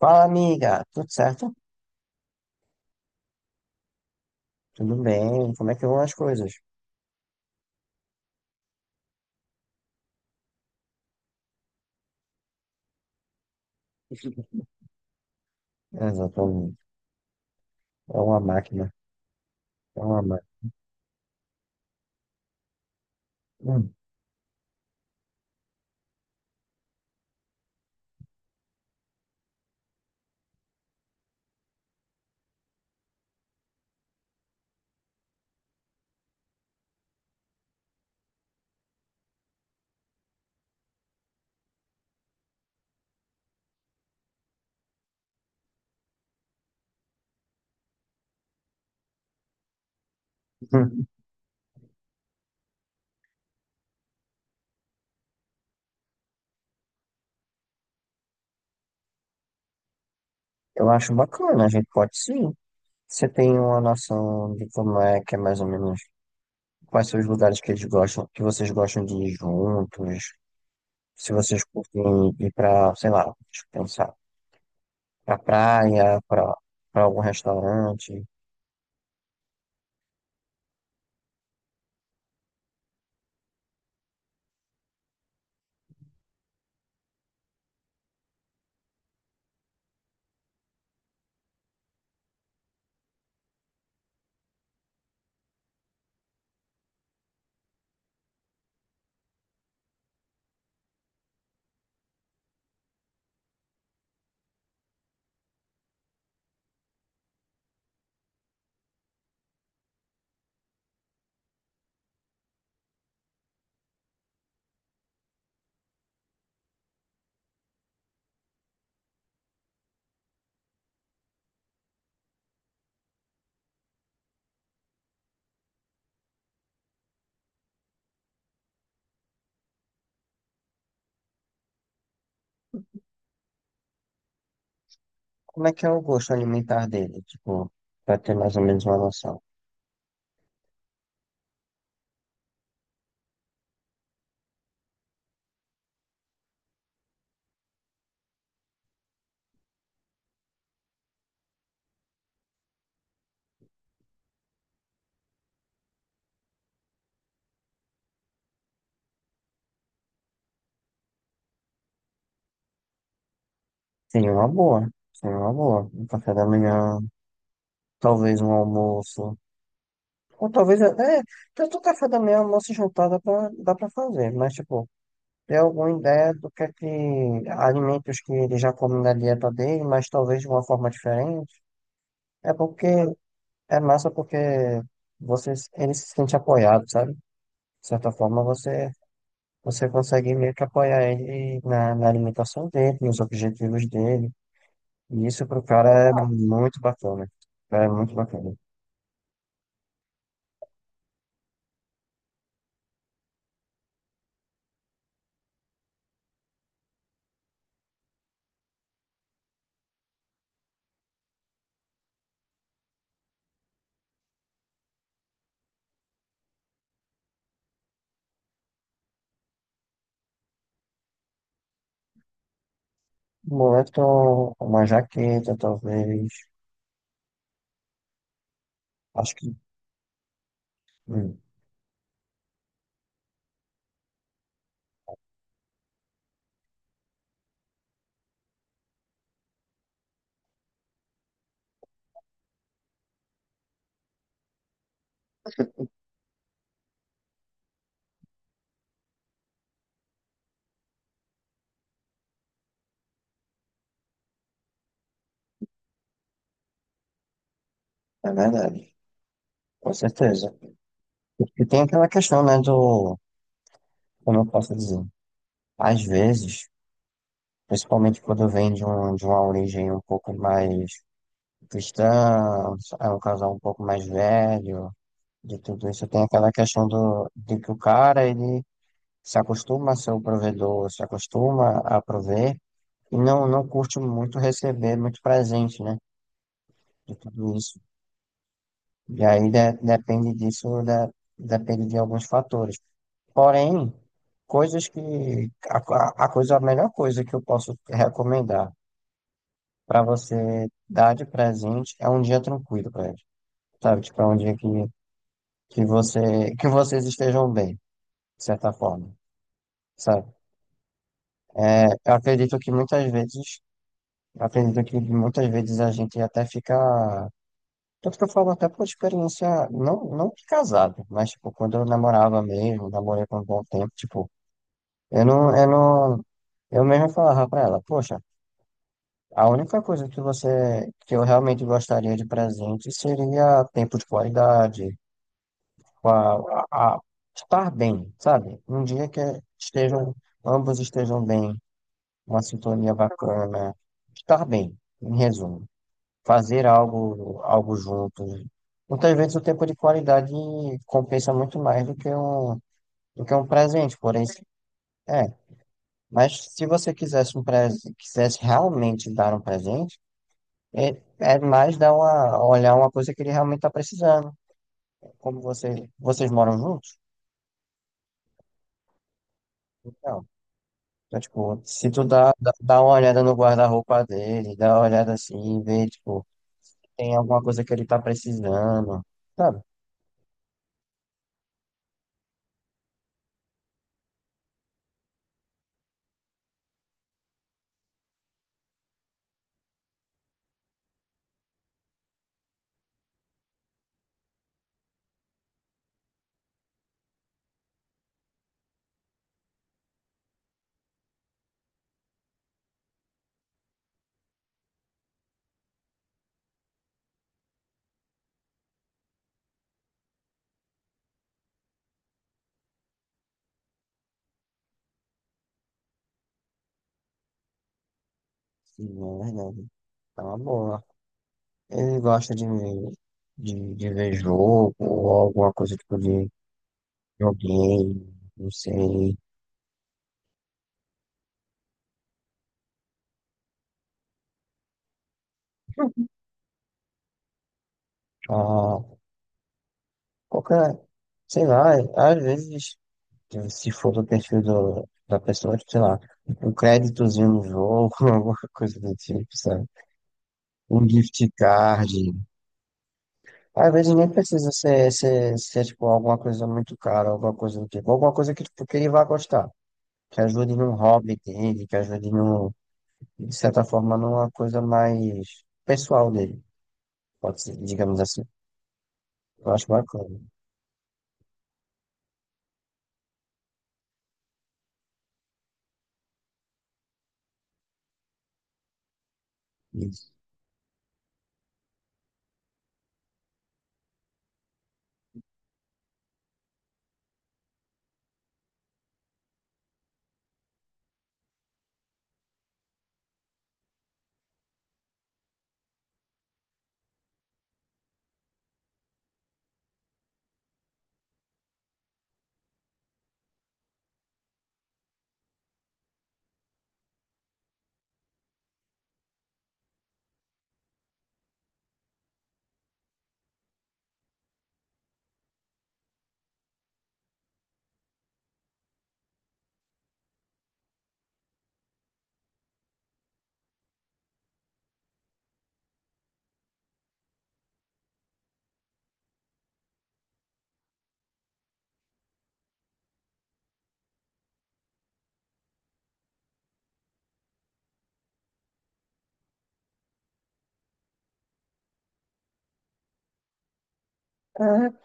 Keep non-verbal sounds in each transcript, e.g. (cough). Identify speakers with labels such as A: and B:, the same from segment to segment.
A: Fala, amiga. Tudo certo? Tudo bem? Como é que vão as coisas? Exatamente. É uma máquina. É uma máquina. Hum. (laughs) Eu acho bacana. A gente pode sim. Você tem uma noção de como é que é mais ou menos quais são os lugares que eles gostam, que vocês gostam de ir juntos? Se vocês curtem ir pra, sei lá, deixa eu pensar, pra praia, pra, pra algum restaurante. Como é que é o gosto alimentar dele? Tipo, pra ter mais ou menos uma noção. Seria uma boa. Seria uma boa. Um café da manhã, talvez um almoço. Ou talvez. É, tanto café da manhã, almoço e jantar dá pra fazer. Mas, tipo, ter alguma ideia do que é que. Alimentos que ele já come na dieta dele, mas talvez de uma forma diferente. É porque. É massa porque você, ele se sente apoiado, sabe? De certa forma, você. Você consegue meio que apoiar ele na, na alimentação dele, nos objetivos dele. E isso pro cara é muito bacana. Cara, é muito bacana. Boleto, uma jaqueta, talvez. Acho que. hum, é verdade, com certeza. E tem aquela questão, né, do. Como eu posso dizer? Às vezes, principalmente quando vem de, um, de uma origem um pouco mais cristã, é um casal um pouco mais velho, de tudo isso, tem aquela questão do, de que o cara, ele se acostuma a ser o provedor, se acostuma a prover. E não, não curte muito receber muito presente, né? De tudo isso. E aí de- depende disso, da- depende de alguns fatores. Porém, coisas que. A, a coisa, a melhor coisa que eu posso recomendar para você dar de presente é um dia tranquilo para eles. Sabe? Tipo, é um dia que você, que vocês estejam bem, de certa forma. Sabe? É, eu acredito que muitas vezes, eu acredito que muitas vezes a gente até fica. Tanto que eu falo até por experiência, não, não de casado, mas, tipo, quando eu namorava mesmo, namorei por um bom tempo, tipo, eu não, eu não, eu mesmo falava pra ela, poxa, a única coisa que você, que eu realmente gostaria de presente seria tempo de qualidade, a, a estar bem, sabe? Um dia que estejam, ambos estejam bem, uma sintonia bacana, estar bem, em resumo. Fazer algo, algo juntos. Muitas vezes o tempo de qualidade compensa muito mais do que um presente, porém, se- é. Mas se você quisesse um presente, quisesse realmente dar um presente, é, é mais dar uma, olhar uma coisa que ele realmente está precisando. Como você, vocês moram juntos? Então, então, tipo, se tu dá, dá uma olhada no guarda-roupa dele, dá uma olhada assim, vê, tipo, tem alguma coisa que ele tá precisando, sabe? Sim, é verdade. Tá uma boa. Ele gosta de, de ver jogo ou alguma coisa tipo de joguinho, não sei. Ah, qualquer, sei lá, às vezes, se for do perfil do, da pessoa, tipo, sei lá, um créditozinho no jogo, (laughs) alguma coisa do tipo, sabe? Um gift card. Às vezes nem precisa ser, ser tipo, alguma coisa muito cara, alguma coisa do tipo, alguma coisa que, tipo, que ele vai gostar. Que ajude num hobby dele, que ajude num, de certa forma, numa coisa mais pessoal dele, pode ser, digamos assim. Eu acho bacana isso.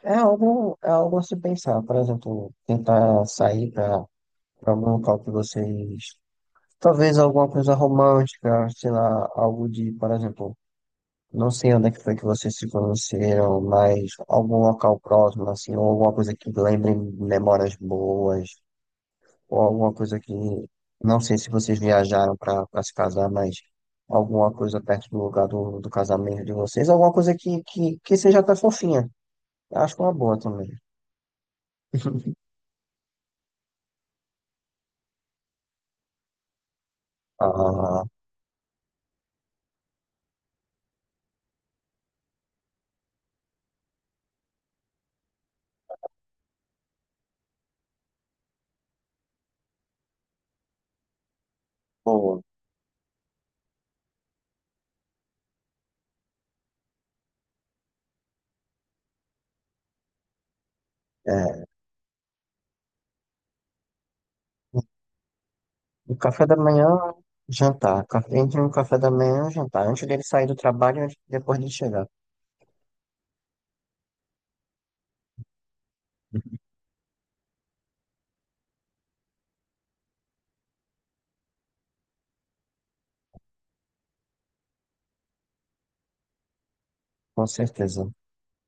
A: É, é algo a se pensar, por exemplo, tentar sair para algum local que vocês. Talvez alguma coisa romântica, sei lá, algo de, por exemplo, não sei onde é que foi que vocês se conheceram, mas algum local próximo, assim, ou alguma coisa que lembre memórias boas, ou alguma coisa que, não sei se vocês viajaram para se casar, mas alguma coisa perto do lugar do, do casamento de vocês, alguma coisa que seja até fofinha. Eu acho é uma boa também. Ah, pô, é, o café da manhã, jantar. Café- Entre um café da manhã e jantar, antes dele sair do trabalho e antes- depois de chegar. Com certeza.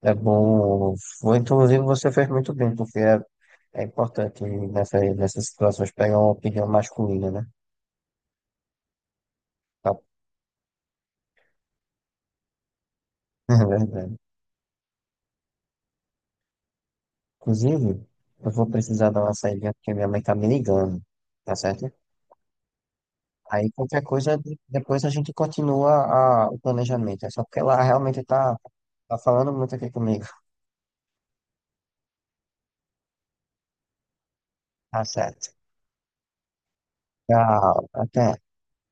A: É bom. Foi, inclusive, você fez muito bem, porque é, é importante nessa, nessas situações pegar uma opinião masculina, né? Tá. (laughs) É verdade. Inclusive, eu vou precisar dar uma saída porque minha mãe tá me ligando, tá certo? Aí qualquer coisa, de- depois a gente continua a- o planejamento. É só porque ela realmente tá, tá falando muito aqui comigo. Tá certo. Tchau, até.